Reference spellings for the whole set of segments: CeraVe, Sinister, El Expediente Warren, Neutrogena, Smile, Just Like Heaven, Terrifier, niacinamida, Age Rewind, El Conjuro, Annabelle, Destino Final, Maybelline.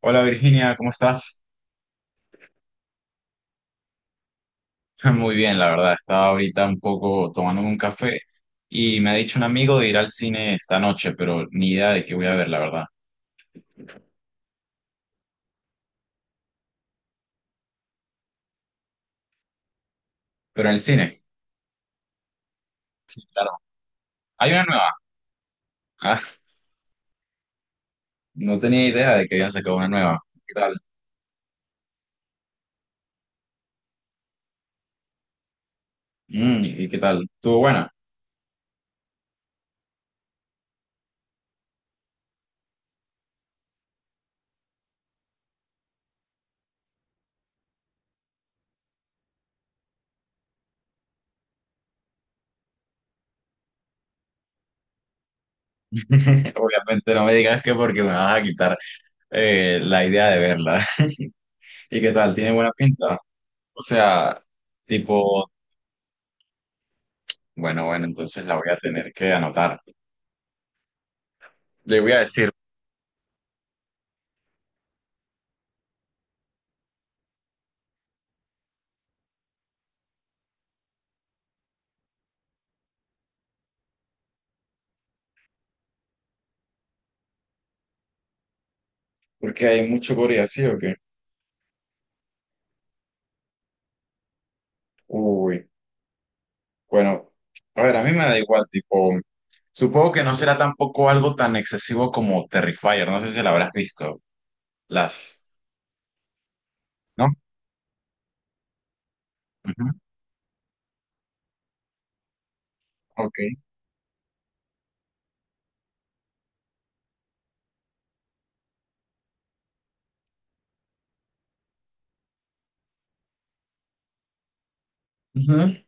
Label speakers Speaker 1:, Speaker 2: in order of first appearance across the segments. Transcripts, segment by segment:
Speaker 1: Hola Virginia, ¿cómo estás? Muy bien, la verdad. Estaba ahorita un poco tomando un café y me ha dicho un amigo de ir al cine esta noche, pero ni idea de qué voy a ver, la verdad. Pero en el cine, sí, claro. Hay una nueva. Ah, no tenía idea de que habían sacado una nueva. ¿Qué tal? Mm, ¿y qué tal? ¿Estuvo buena? Obviamente no me digas que porque me vas a quitar la idea de verla. ¿Y qué tal? ¿Tiene buena pinta? O sea, tipo, bueno, entonces la voy a tener que anotar. Le voy a decir. Porque hay mucho Corea, ¿sí o qué? Uy, bueno, a ver, a mí me da igual, tipo, supongo que no será tampoco algo tan excesivo como Terrifier, no sé si la habrás visto, las, ¿no? Ujú, ok. Ujú.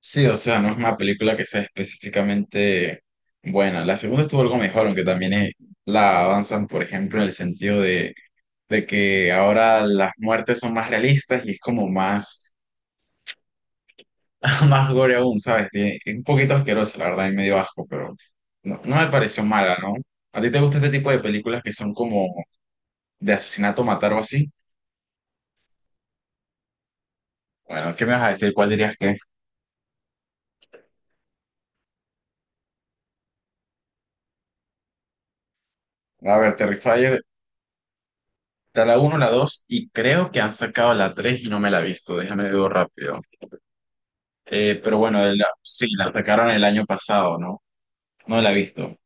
Speaker 1: Sí, o sea, no es una película que sea específicamente buena. La segunda estuvo algo mejor, aunque también la avanzan, por ejemplo, en el sentido de que ahora las muertes son más realistas y es como más más gore aún, ¿sabes? Es un poquito asqueroso, la verdad, y medio asco, pero no, no me pareció mala, ¿no? ¿A ti te gusta este tipo de películas que son como de asesinato, matar o así? Bueno, ¿qué me vas a decir? ¿Cuál dirías que es? A ver, Terrifier, está la uno la 2 y creo que han sacado la 3 y no me la he visto, déjame ver rápido. Pero bueno, sí, la sacaron el año pasado, ¿no? No la he visto.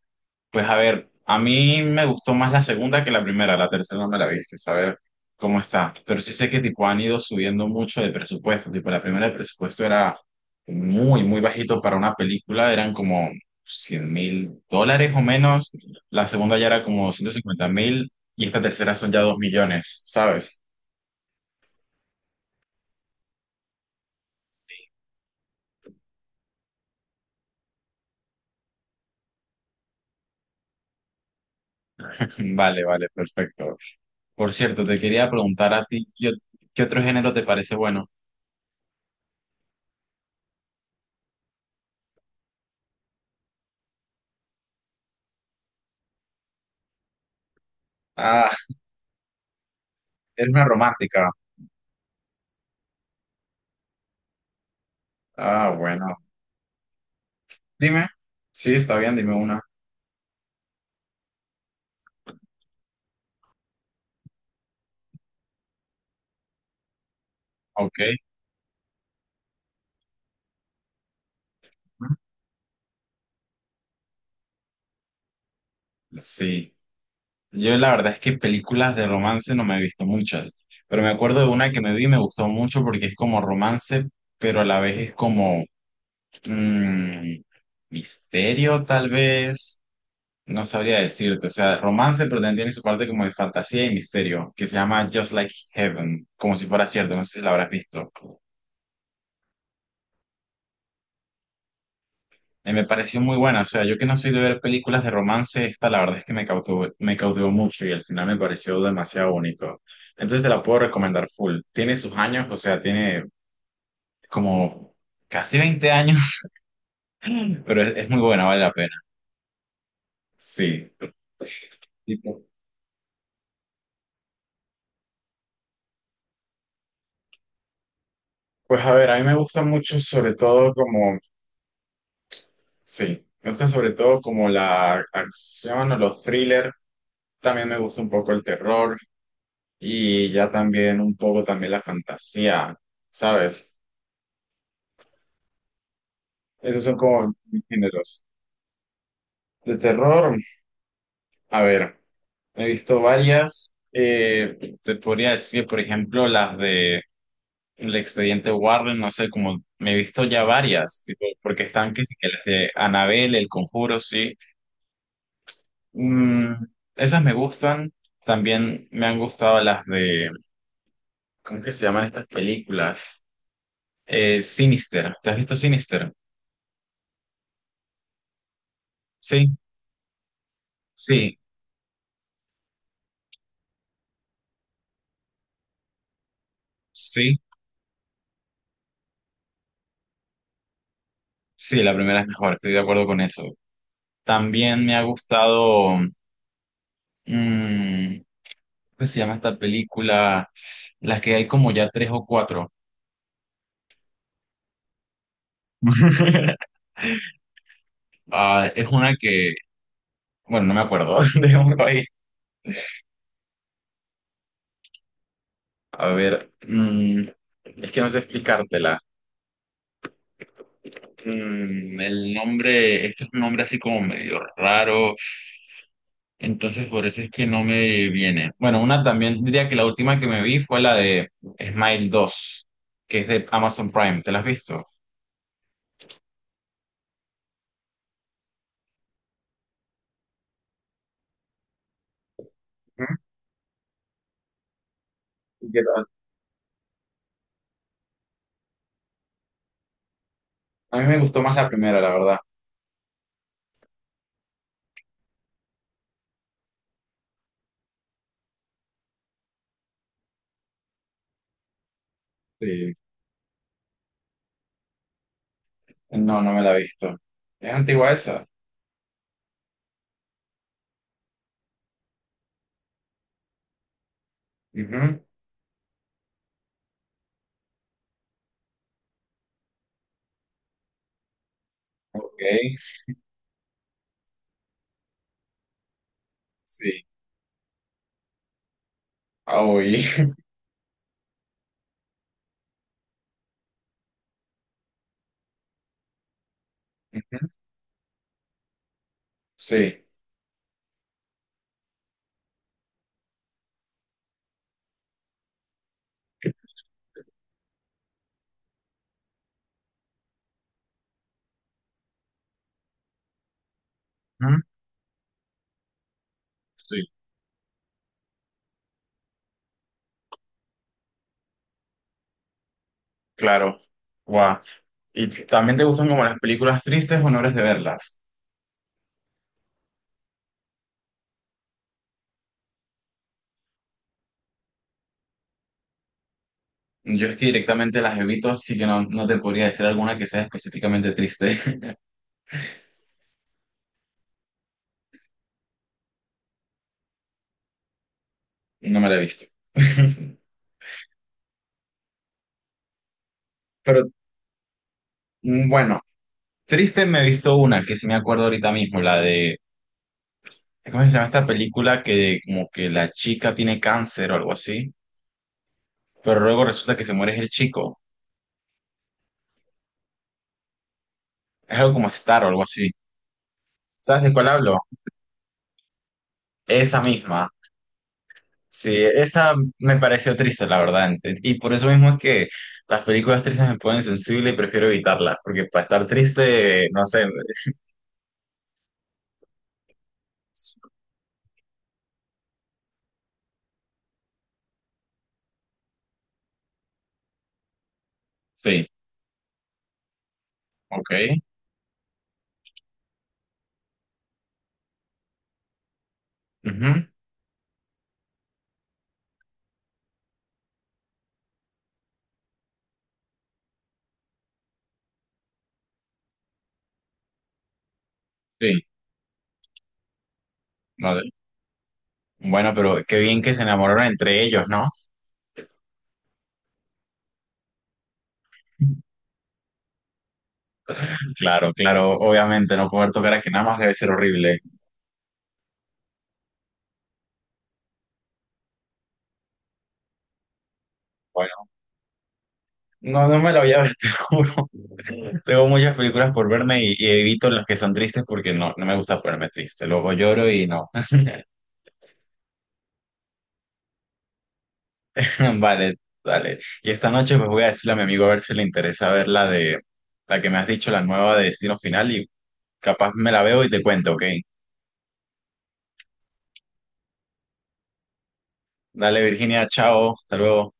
Speaker 1: Pues a ver, a mí me gustó más la segunda que la primera, la tercera no me la viste, a ver cómo está. Pero sí sé que tipo han ido subiendo mucho de presupuesto, tipo la primera el presupuesto era muy, muy bajito para una película, eran como $100.000 o menos, la segunda ya era como 150.000 y esta tercera son ya 2 millones, ¿sabes? Vale, vale, perfecto. Por cierto, te quería preguntar a ti, ¿qué otro género te parece bueno? Ah, eres una romántica. Ah, bueno. Dime, sí, está bien, dime una. Ok. Sí, yo la verdad es que películas de romance no me he visto muchas, pero me acuerdo de una que me vi y me gustó mucho porque es como romance, pero a la vez es como mm, misterio tal vez, no sabría decirte, o sea, romance pero también tiene su parte como de fantasía y misterio, que se llama Just Like Heaven, como si fuera cierto, no sé si la habrás visto. Me pareció muy buena, o sea, yo que no soy de ver películas de romance, esta la verdad es que me cautivó mucho y al final me pareció demasiado bonito. Entonces te la puedo recomendar full. Tiene sus años, o sea, tiene como casi 20 años, pero es muy buena, vale la pena. Sí. Y pu- Pues a ver, a mí me gusta mucho sobre todo como, sí, me gusta sobre todo como la acción o los thrillers, también me gusta un poco el terror y ya también un poco también la fantasía, ¿sabes? Esos son como mis géneros. De terror, a ver, he visto varias. Te podría decir, por ejemplo, las de El Expediente Warren, no sé, como me he visto ya varias, tipo, porque están que sí que las de Annabelle, El Conjuro, sí. Mm, esas me gustan. También me han gustado las de, ¿cómo que se llaman estas películas? Sinister. ¿Te has visto Sinister? Sí, sí, sí, sí. La primera es mejor, estoy de acuerdo con eso. También me ha gustado, mm, ¿cómo se llama esta película? Las que hay como ya tres o cuatro. Ah, es una que, bueno, no me acuerdo, dejémoslo ahí. A ver, mm, es que no sé explicártela. Mm, el nombre, es que es un nombre así como medio raro, entonces por eso es que no me viene. Bueno, una también, diría que la última que me vi fue la de Smile 2 que es de Amazon Prime, ¿te la has visto? Ujú. A mí me gustó más la primera, la verdad. Sí. No, no me la he visto. ¿Es antigua esa? Ujú, ok. Sí. Ah, oí. Ujú, sí. Ujú, sí, claro. Guau. ¿Y también te gustan como las películas tristes o no eres de verlas? Yo es que directamente las evito, así que no, no te podría decir alguna que sea específicamente triste. No me la he visto. Pero mm, bueno, triste me he visto una que sí me acuerdo ahorita mismo, la de ¿Cómo se llama esta película que como que la chica tiene cáncer o algo así? Pero luego resulta que se muere el chico. Es algo como Star o algo así. ¿Sabes de cuál hablo? Esa misma. Sí, esa me pareció triste, la verdad. Y por eso mismo es que las películas tristes me ponen sensible y prefiero evitarlas, porque para estar triste, no sé. es- Sí, ok. Ujú, sí, vale. Bueno, pero qué bien que se enamoraron entre ellos, ¿no? Claro, claro, obviamente, no poder tocar aquí nada más debe ser horrible. Bueno. No, no me la voy a ver, te juro. Tengo muchas películas por verme y evito las que son tristes porque no, no me gusta ponerme triste. Luego lloro y no. Vale, dale. Y esta noche pues voy a decirle a mi amigo a ver si le interesa ver la de la que me has dicho, la nueva de Destino Final y capaz me la veo y te cuento, ¿ok? Dale, Virginia, chao, hasta luego.